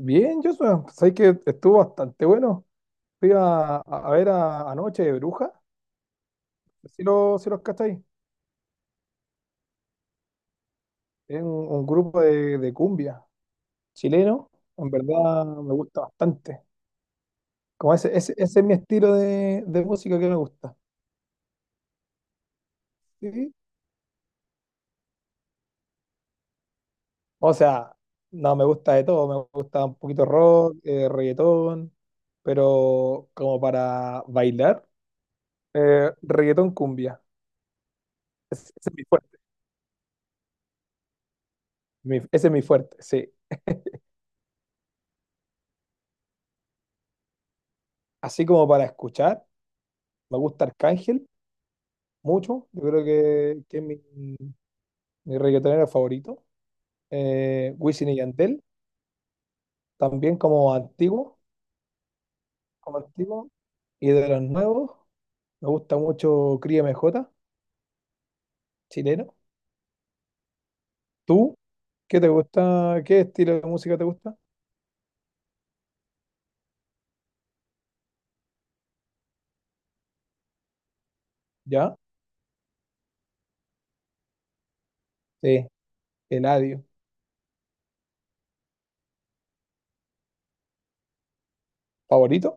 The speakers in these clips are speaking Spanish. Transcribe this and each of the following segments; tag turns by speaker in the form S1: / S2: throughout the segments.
S1: Bien, Joshua, pues ahí que estuvo bastante bueno. Fui a ver a, Anoche de Bruja, si los cacháis. Es un grupo de cumbia chileno, en verdad me gusta bastante. Como ese es mi estilo de música que me gusta. Sí. O sea, no me gusta de todo, me gusta un poquito rock, reggaetón, pero como para bailar, reggaetón cumbia. Ese es mi fuerte, ese es mi fuerte, sí. Así como para escuchar. Me gusta Arcángel mucho. Yo creo que es mi reggaetonero favorito. Wisin y Yandel, también como antiguo, como antiguo. Y de los nuevos, me gusta mucho Cris MJ, chileno. ¿Tú? ¿Qué te gusta? ¿Qué estilo de música te gusta? ¿Ya? Sí, Eladio. ¿Favorito?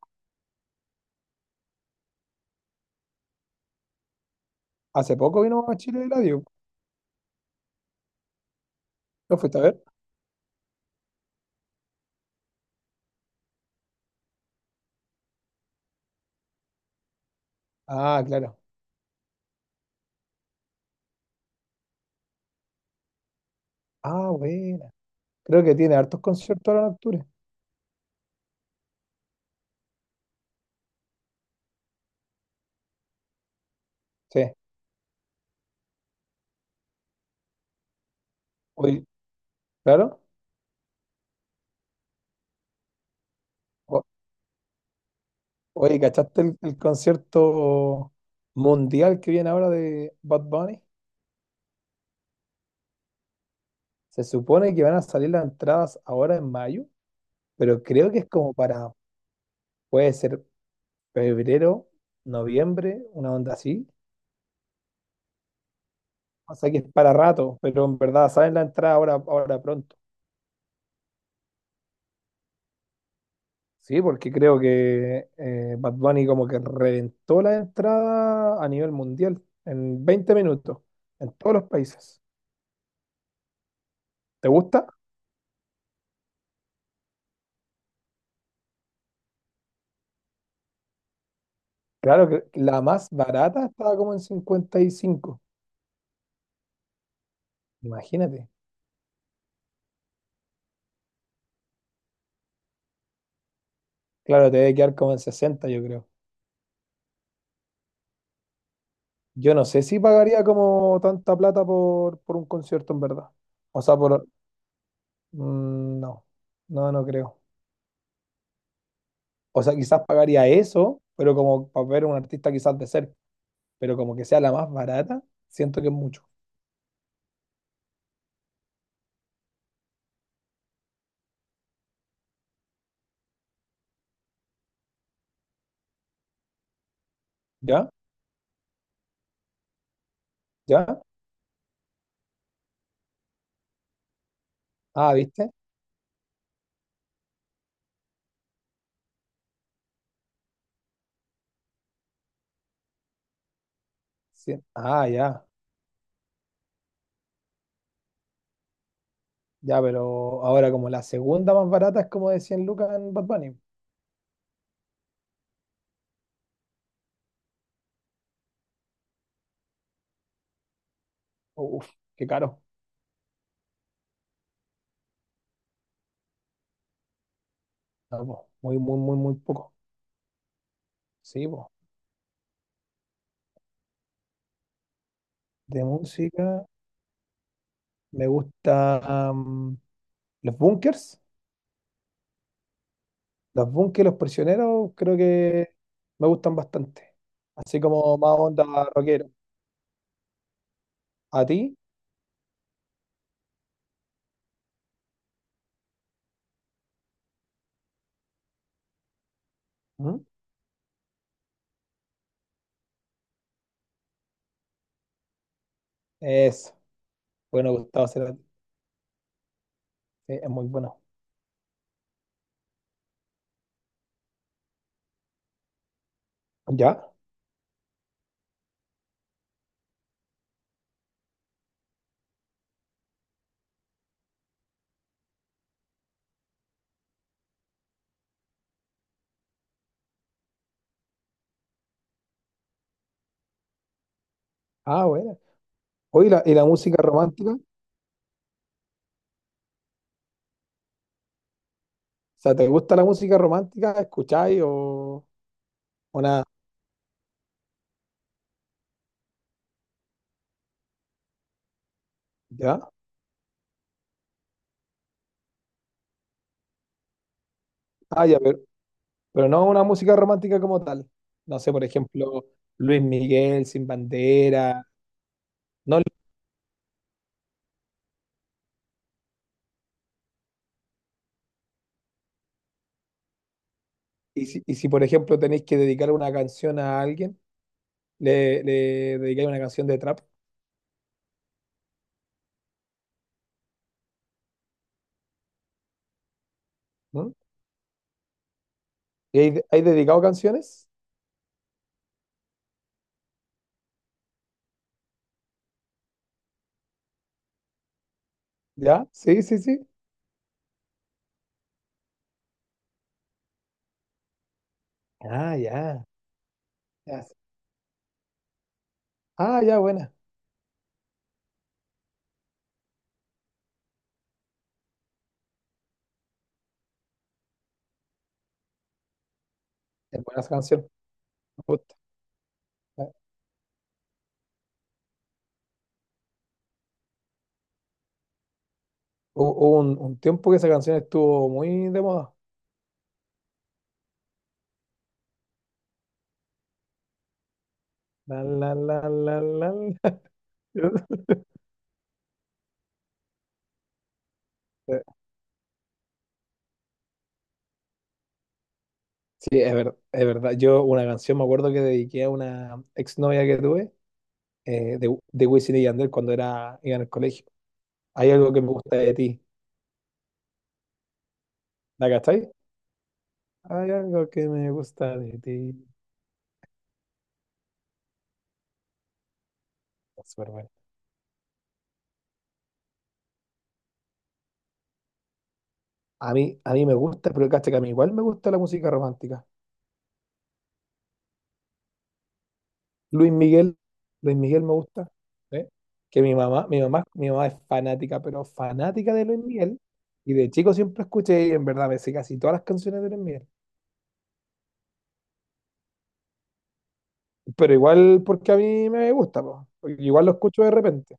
S1: Hace poco vino a Chile Eladio. ¿Lo fuiste a ver? Ah, claro. Ah, buena. Creo que tiene hartos conciertos ahora en octubre. Sí. Hoy, claro. Oye, ¿cachaste el concierto mundial que viene ahora de Bad Bunny? Se supone que van a salir las entradas ahora en mayo, pero creo que es como para, puede ser febrero, noviembre, una onda así. O sea que es para rato, pero en verdad salen las entradas ahora, ahora pronto. Sí, porque creo que Bad Bunny como que reventó la entrada a nivel mundial en 20 minutos, en todos los países. ¿Te gusta? Claro, que la más barata estaba como en 55, imagínate. Claro, te debe quedar como en 60, yo creo. Yo no sé si pagaría como tanta plata por un concierto, en verdad. O sea, por... No, no creo. O sea, quizás pagaría eso, pero como para ver a un artista quizás de cerca, pero como que sea la más barata, siento que es mucho. ¿Ya? ¿Ya? Ah, ¿viste? Sí. Ah, ya. Ya, pero ahora como la segunda más barata es como de 100 lucas en Bad Bunny. Uf, qué caro. No, po, muy, muy, muy, muy poco. Sí, po. De música me gusta los Bunkers. Los Bunkers, Los Prisioneros, creo que me gustan bastante. Así como más onda rockero. ¿A ti? ¿Mm? Eso. Bueno, Gustavo Cerati. Es muy bueno. ¿Ya? Ah, bueno. Oye, ¿y la música romántica? O sea, ¿te gusta la música romántica? ¿Escucháis o una... ¿Ya? Ah, ya, pero no una música romántica como tal. No sé, por ejemplo, Luis Miguel, Sin Bandera. No, y si, por ejemplo tenéis que dedicar una canción a alguien, le dedicáis una canción de trap, ¿no? ¿Y hay dedicado canciones? ¿Ya? Sí, sí, sí. Ah, ya. Ya. Ah, ya, buena. Es buena esa canción. Me gusta. Hu- Hubo un tiempo que esa canción estuvo muy de moda. La, la, la, la, la, la. Sí, es verdad, es verdad. Yo una canción me acuerdo que dediqué a una exnovia que tuve de Wisin y Yandel cuando era, iba en el colegio. Hay algo que me gusta de ti. ¿La cachai? Hay algo que me gusta de ti. Súper bueno. A mí me gusta, pero cacha que a mí igual me gusta la música romántica. Luis Miguel, Luis Miguel me gusta. ¿Eh? Que mi mamá es fanática, pero fanática de Luis Miguel. Y de chico siempre escuché, y en verdad me sé casi todas las canciones de Luis Miguel. Pero igual porque a mí me gusta, po, porque igual lo escucho de repente.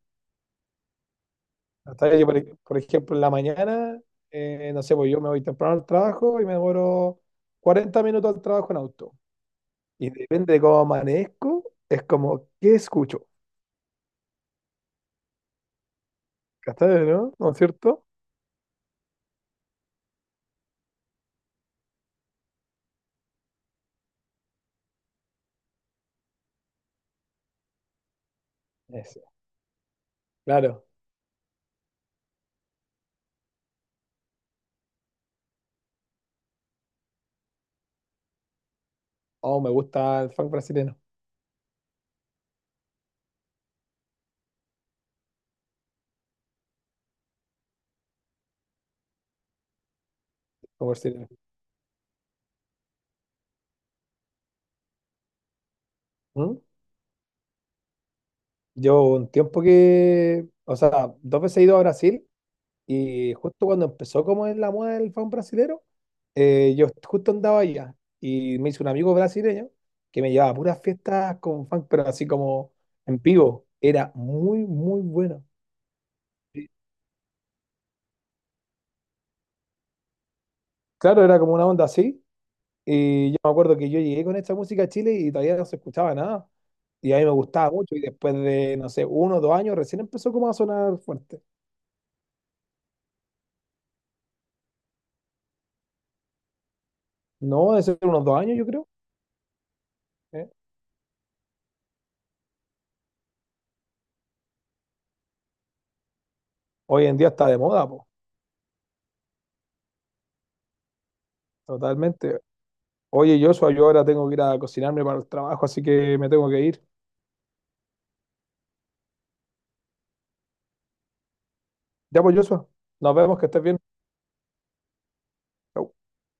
S1: Hasta que yo, por ejemplo, en la mañana, no sé, pues yo me voy temprano al trabajo y me demoro 40 minutos al trabajo en auto. Y depende de cómo amanezco, es como, ¿qué escucho? ¿Cachai, no? ¿No es cierto? Eso. Claro. Oh, me gusta el funk brasileño. Como brasileño. ¿Mm? Yo un tiempo que, o sea, dos veces he ido a Brasil y justo cuando empezó como es la moda del funk brasilero, yo justo andaba allá y me hizo un amigo brasileño que me llevaba a puras fiestas con funk, pero así como en vivo. Era muy, muy bueno. Claro, era como una onda así. Y yo me acuerdo que yo llegué con esta música a Chile y todavía no se escuchaba nada. Y a mí me gustaba mucho. Y después de, no sé, uno o dos años, recién empezó como a sonar fuerte. No, de ser unos dos años, yo creo. ¿Eh? Hoy en día está de moda, po, totalmente. Oye, Joshua, yo ahora tengo que ir a cocinarme para el trabajo, así que me tengo que ir. Ya, pues, Joshua, nos vemos, que estés bien. Chau.